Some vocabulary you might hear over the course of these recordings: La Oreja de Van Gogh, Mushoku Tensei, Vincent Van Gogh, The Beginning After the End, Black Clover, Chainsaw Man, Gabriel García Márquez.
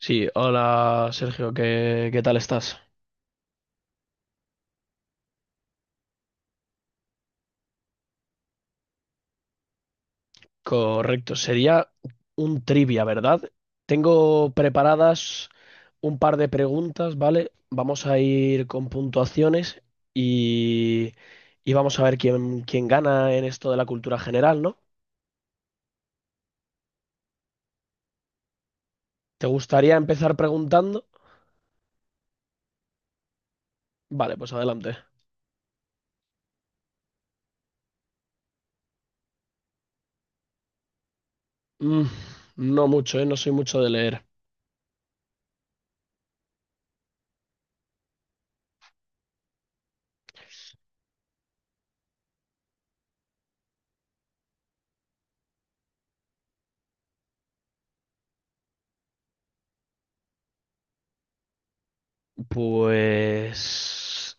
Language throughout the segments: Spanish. Sí, hola Sergio, ¿qué tal estás? Correcto, sería un trivia, ¿verdad? Tengo preparadas un par de preguntas, ¿vale? Vamos a ir con puntuaciones y, y vamos a ver quién gana en esto de la cultura general, ¿no? ¿Te gustaría empezar preguntando? Vale, pues adelante. Mm, no mucho, ¿eh? No soy mucho de leer. Pues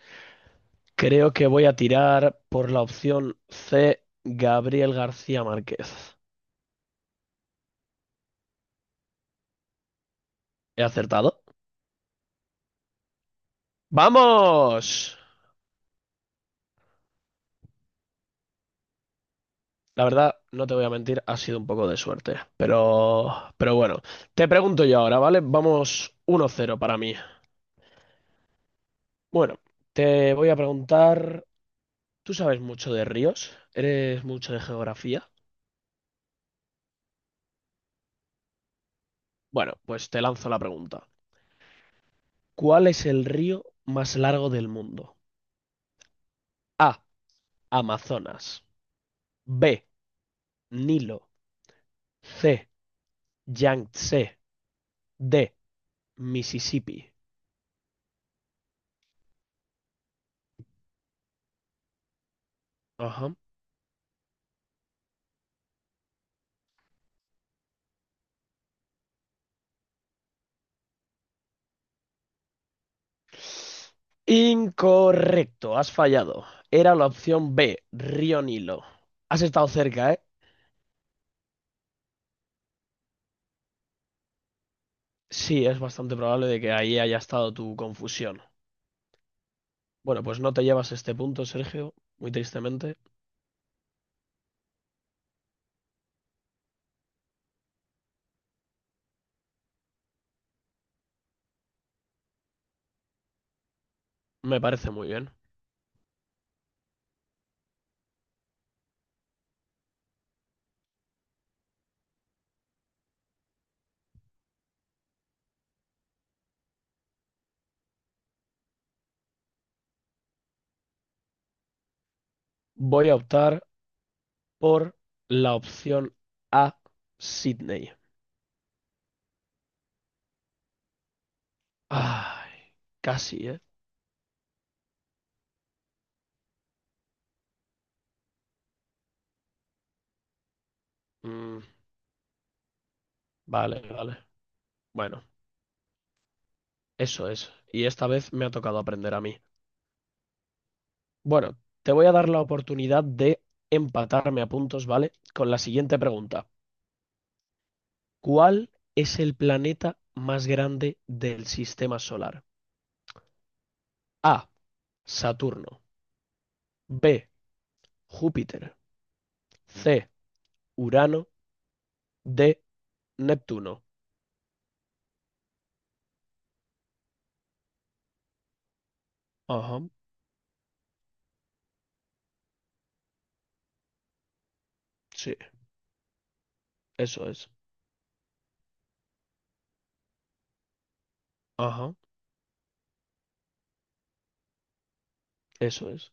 creo que voy a tirar por la opción C, Gabriel García Márquez. ¿He acertado? ¡Vamos! La verdad, no te voy a mentir, ha sido un poco de suerte. Pero bueno, te pregunto yo ahora, ¿vale? Vamos 1-0 para mí. Bueno, te voy a preguntar, ¿tú sabes mucho de ríos? ¿Eres mucho de geografía? Bueno, pues te lanzo la pregunta. ¿Cuál es el río más largo del mundo? A. Amazonas. B. Nilo. C. Yangtze de Mississippi. Ajá. Incorrecto, has fallado. Era la opción B, Río Nilo. Has estado cerca, ¿eh? Sí, es bastante probable de que ahí haya estado tu confusión. Bueno, pues no te llevas este punto, Sergio, muy tristemente. Me parece muy bien. Voy a optar por la opción A, Sydney. Ay, casi, ¿eh? Mm, vale, vale. Bueno, eso es. Y esta vez me ha tocado aprender a mí. Bueno, te voy a dar la oportunidad de empatarme a puntos, ¿vale? Con la siguiente pregunta. ¿Cuál es el planeta más grande del sistema solar? A. Saturno. B. Júpiter. C. Urano. D. Neptuno. Ajá, sí, eso es. Ajá, eso es.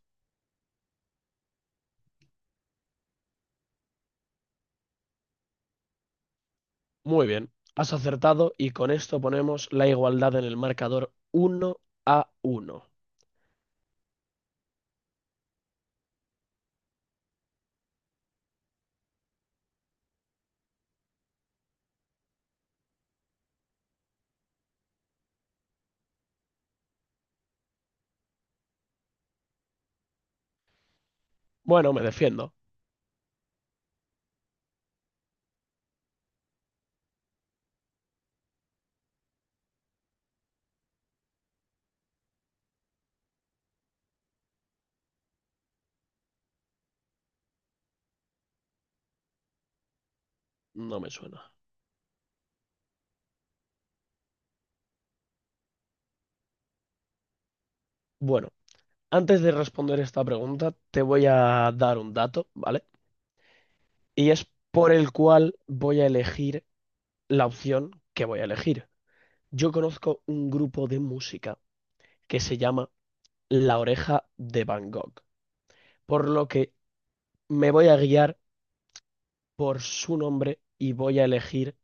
Muy bien, has acertado y con esto ponemos la igualdad en el marcador 1-1. Bueno, me defiendo. No me suena. Bueno, antes de responder esta pregunta, te voy a dar un dato, ¿vale? Y es por el cual voy a elegir la opción que voy a elegir. Yo conozco un grupo de música que se llama La Oreja de Van Gogh, por lo que me voy a guiar por su nombre y voy a elegir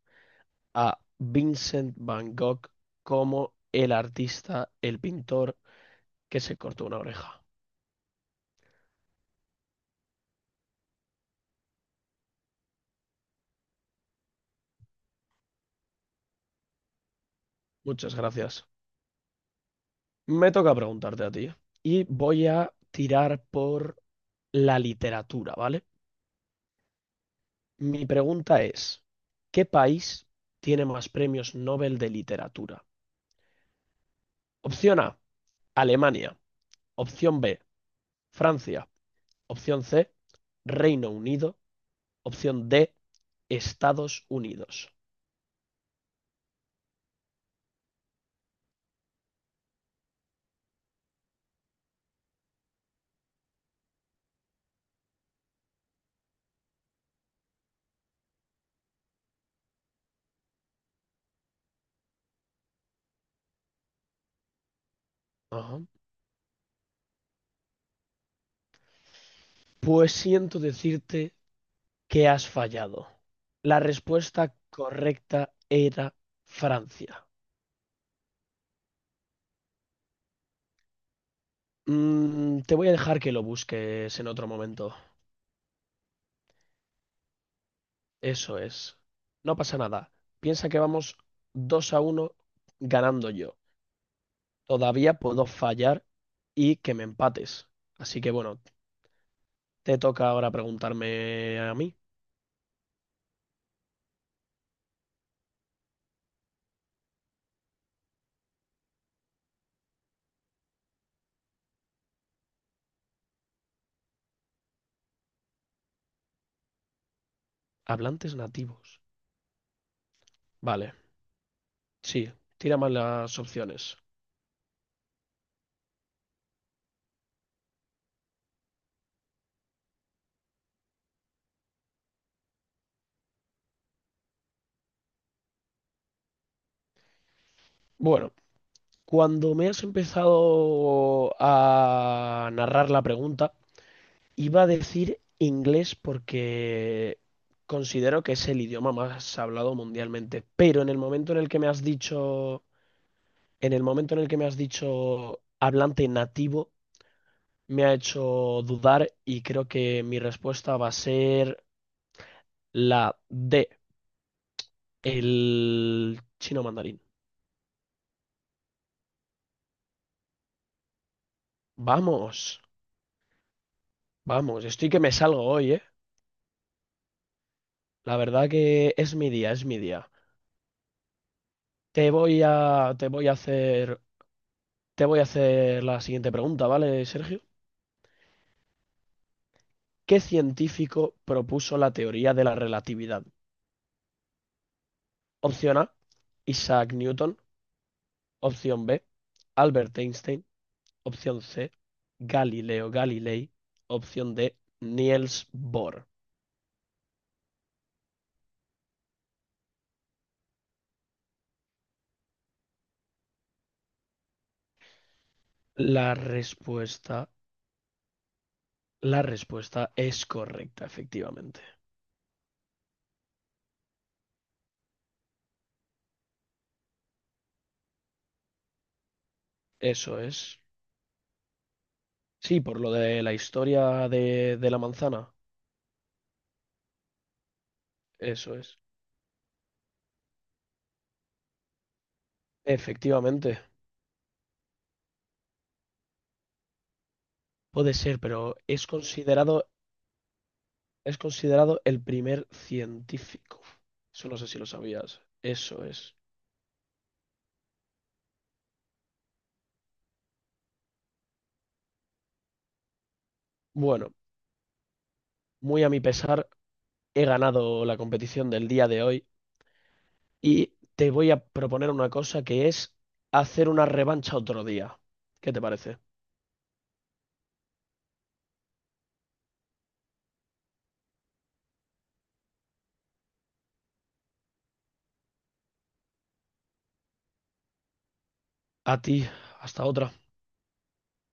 a Vincent Van Gogh como el artista, el pintor que se cortó una oreja. Muchas gracias. Me toca preguntarte a ti y voy a tirar por la literatura, ¿vale? Mi pregunta es, ¿qué país tiene más premios Nobel de literatura? Opción A, Alemania. Opción B, Francia. Opción C, Reino Unido. Opción D, Estados Unidos. Ajá. Pues siento decirte que has fallado. La respuesta correcta era Francia. Mm, te voy a dejar que lo busques en otro momento. Eso es. No pasa nada. Piensa que vamos 2-1 ganando yo. Todavía puedo fallar y que me empates. Así que bueno, te toca ahora preguntarme a mí. Hablantes nativos. Vale, sí, tira más las opciones. Bueno, cuando me has empezado a narrar la pregunta, iba a decir inglés porque considero que es el idioma más hablado mundialmente, pero en el momento en el que me has dicho, en el momento en el que me has dicho hablante nativo, me ha hecho dudar y creo que mi respuesta va a ser la D, el chino mandarín. Vamos, vamos, estoy que me salgo hoy, ¿eh? La verdad que es mi día, es mi día. Te voy a hacer, te voy a hacer la siguiente pregunta, ¿vale, Sergio? ¿Qué científico propuso la teoría de la relatividad? Opción A, Isaac Newton. Opción B, Albert Einstein. Opción C, Galileo Galilei. Opción D, Niels Bohr. La respuesta, la respuesta es correcta, efectivamente. Eso es. Sí, por lo de la historia de la manzana. Eso es. Efectivamente. Puede ser, pero es considerado. Es considerado el primer científico. Eso no sé si lo sabías. Eso es. Bueno, muy a mi pesar, he ganado la competición del día de hoy y te voy a proponer una cosa que es hacer una revancha otro día. ¿Qué te parece? A ti, hasta otra.